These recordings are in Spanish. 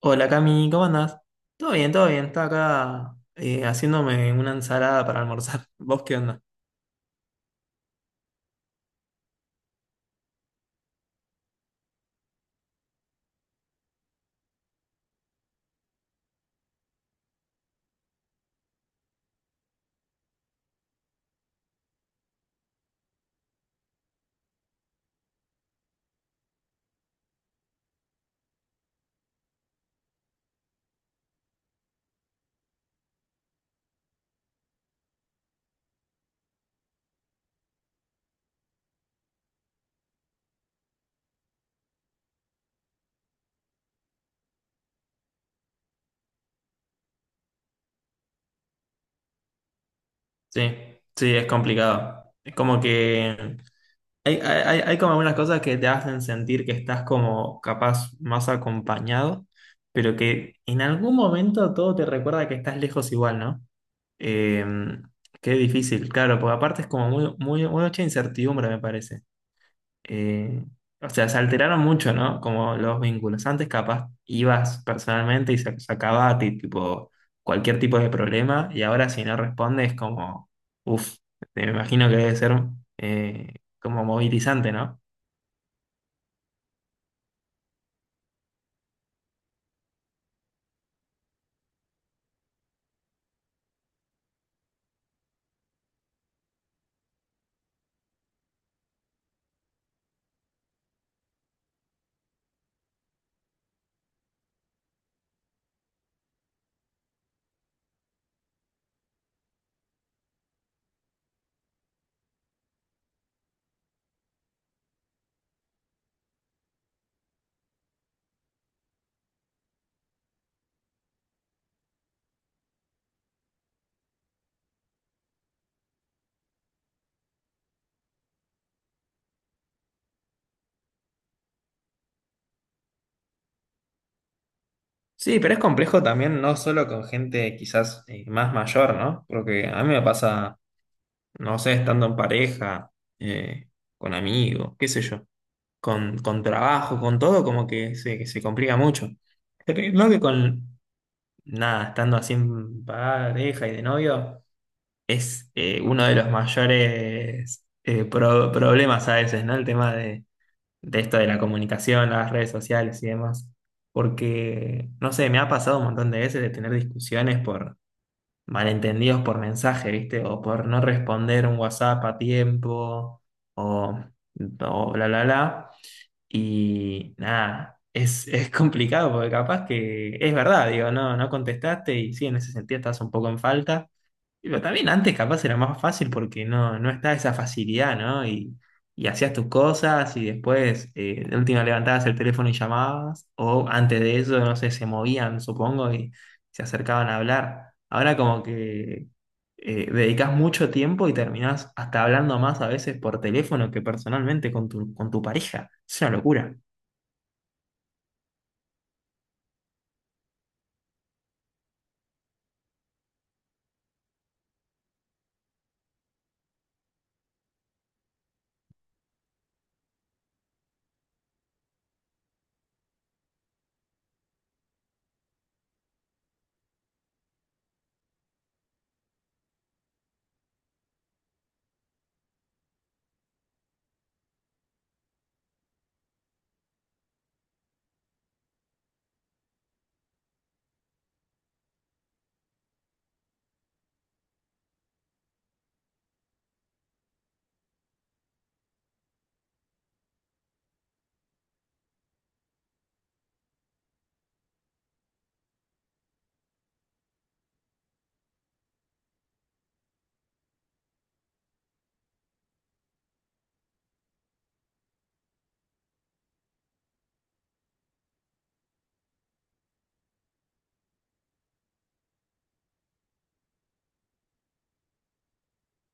Hola Cami, ¿cómo andás? Todo bien, todo bien. Estaba acá haciéndome una ensalada para almorzar. ¿Vos qué onda? Sí, sí, es complicado. Es como que hay como algunas cosas que te hacen sentir que estás como capaz más acompañado, pero que en algún momento todo te recuerda que estás lejos igual, ¿no? Eh, Qué difícil, claro, porque aparte es como mucha incertidumbre, me parece. eh, o sea, se alteraron mucho, ¿no? Como los vínculos. Antes capaz ibas personalmente y se sacaba a ti, tipo, cualquier tipo de problema y ahora si no respondes como, uff, me imagino que debe ser eh, como movilizante, ¿no? Sí, pero es complejo también, no solo con gente quizás más mayor, ¿no? Porque a mí me pasa, no sé, estando en pareja, eh, con amigos, qué sé yo. Con trabajo, con todo, como que se complica mucho. Creo que con nada, estando así en pareja y de novio, es uno de los mayores problemas a veces, ¿no? El tema de esto de la comunicación, las redes sociales y demás. Porque, no sé, me ha pasado un montón de veces de tener discusiones por malentendidos por mensaje, ¿viste? O por no responder un WhatsApp a tiempo, o, o bla, bla, bla. Y nada, es complicado porque capaz que es verdad, digo, no contestaste y sí, en ese sentido estás un poco en falta. Y pero también antes capaz era más fácil porque no está esa facilidad, ¿no? Y hacías tus cosas y después de última levantabas el teléfono y llamabas, o antes de eso, no sé, se movían, supongo, y se acercaban a hablar. Ahora como que dedicas mucho tiempo y terminás hasta hablando más a veces por teléfono que personalmente con tu pareja. Es una locura.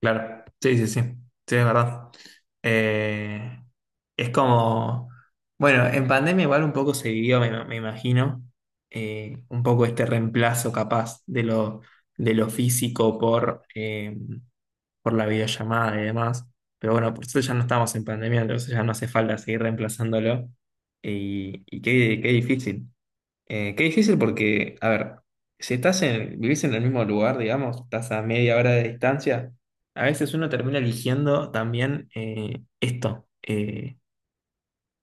Claro, sí, sí, sí, sí, es verdad. Eh, es como, bueno, en pandemia igual un poco se vivió, me imagino, un poco este reemplazo capaz de lo físico por la videollamada y demás. Pero bueno, por eso ya no estamos en pandemia, entonces ya no hace falta seguir reemplazándolo. Y qué difícil. Qué difícil porque, a ver, si vivís en el mismo lugar, digamos, estás a media hora de distancia, a veces uno termina eligiendo también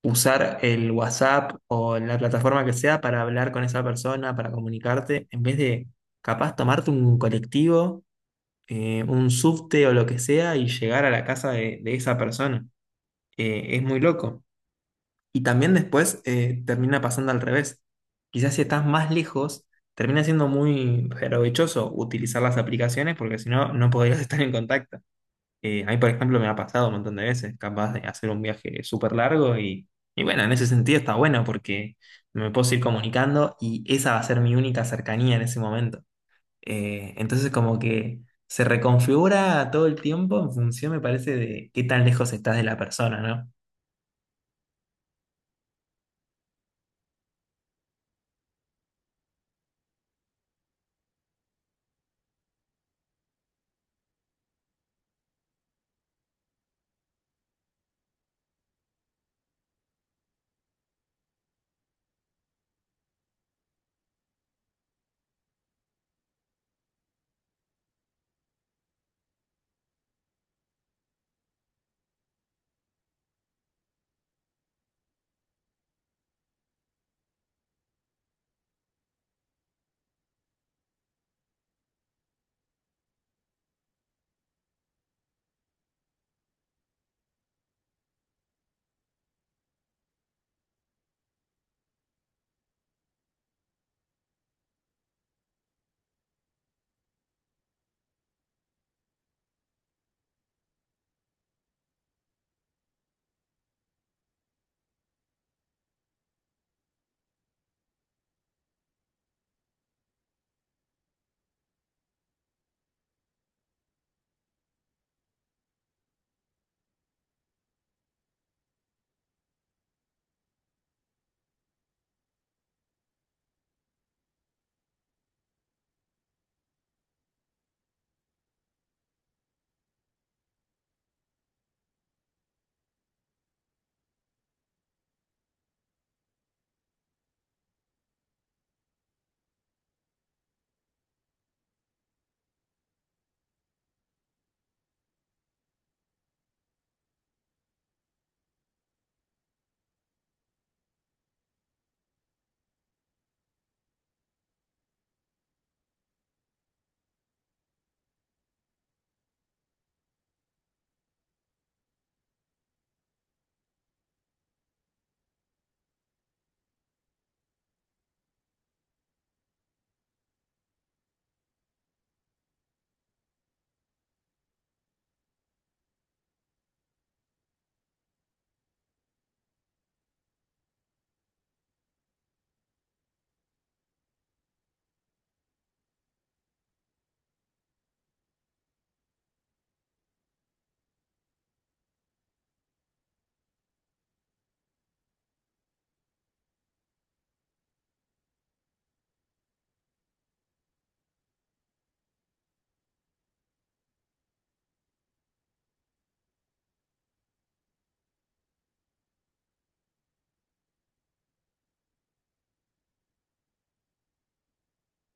usar el WhatsApp o la plataforma que sea para hablar con esa persona, para comunicarte, en vez de capaz tomarte un colectivo, un subte o lo que sea y llegar a la casa de esa persona. Es muy loco. Y también después termina pasando al revés. Quizás si estás más lejos, termina siendo muy provechoso utilizar las aplicaciones porque si no, no podrías estar en contacto. A mí, por ejemplo, me ha pasado un montón de veces, capaz de hacer un viaje súper largo y bueno, en ese sentido está bueno porque me puedo seguir comunicando y esa va a ser mi única cercanía en ese momento. Entonces como que se reconfigura todo el tiempo en función, me parece, de qué tan lejos estás de la persona, ¿no?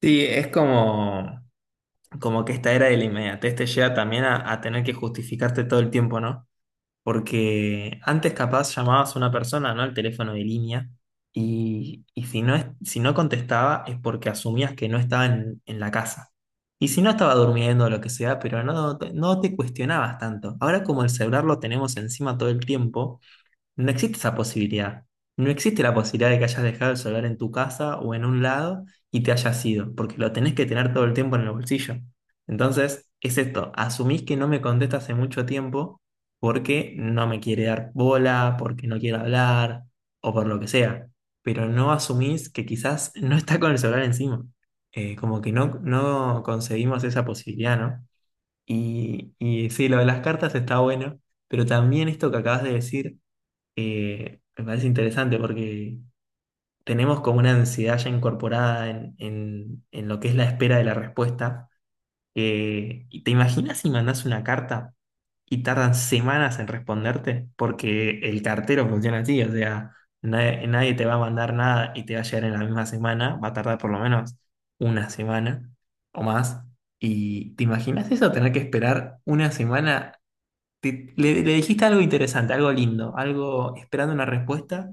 Sí, es como... Como que esta era de la inmediatez te llega también a tener que justificarte todo el tiempo, ¿no? Porque antes capaz llamabas a una persona, ¿no? Al teléfono de línea y, si no contestaba es porque asumías que no estaba en la casa. Y si no estaba durmiendo o lo que sea, pero no, no te cuestionabas tanto. Ahora como el celular lo tenemos encima todo el tiempo, no existe esa posibilidad. No existe la posibilidad de que hayas dejado el celular en tu casa o en un lado y te hayas ido, porque lo tenés que tener todo el tiempo en el bolsillo. Entonces, es esto, asumís que no me contesta hace mucho tiempo porque no me quiere dar bola, porque no quiere hablar o por lo que sea, pero no asumís que quizás no está con el celular encima. Como que no, no concebimos esa posibilidad, ¿no? Y sí, lo de las cartas está bueno, pero también esto que acabas de decir me parece interesante porque tenemos como una ansiedad ya incorporada en lo que es la espera de la respuesta. ¿Y te imaginas si mandas una carta y tardan semanas en responderte? Porque el cartero funciona así, o sea, nadie te va a mandar nada y te va a llegar en la misma semana, va a tardar por lo menos una semana o más. ¿Y te imaginas eso, tener que esperar una semana? Le dijiste algo interesante, algo lindo, algo esperando una respuesta,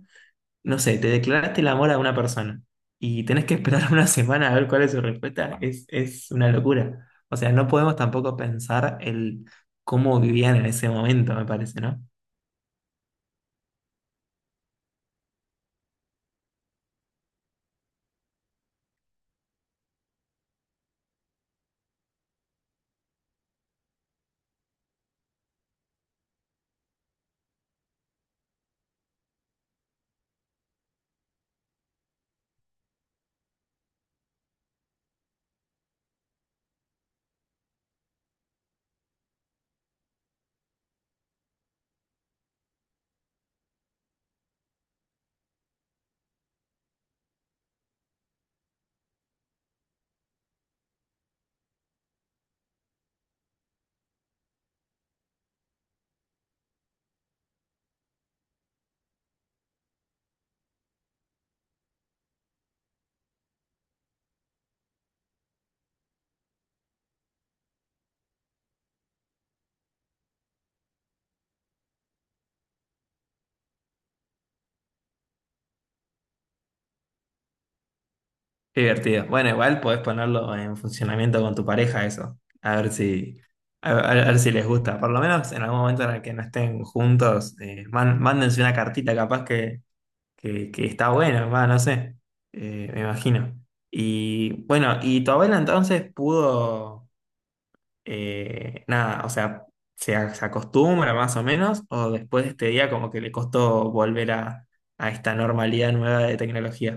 no sé, te declaraste el amor a una persona y tenés que esperar una semana a ver cuál es su respuesta, es una locura. O sea, no podemos tampoco pensar el cómo vivían en ese momento, me parece, ¿no? Qué divertido. Bueno, igual podés ponerlo en funcionamiento con tu pareja eso. A ver si, a ver si les gusta. Por lo menos en algún momento en el que no estén juntos, mándense una cartita capaz que, que está bueno, va, no sé. Me imagino. Y bueno, ¿y tu abuela entonces pudo? Nada, o sea, se acostumbra más o menos, o después de este día como que le costó volver a esta normalidad nueva de tecnología.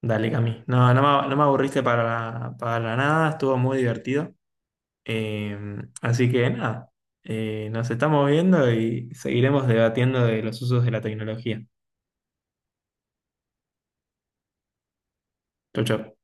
Dale, Cami. No, no me aburriste para nada, estuvo muy divertido. Eh, Así que nada, nos estamos viendo y seguiremos debatiendo de los usos de la tecnología. Chau, chau.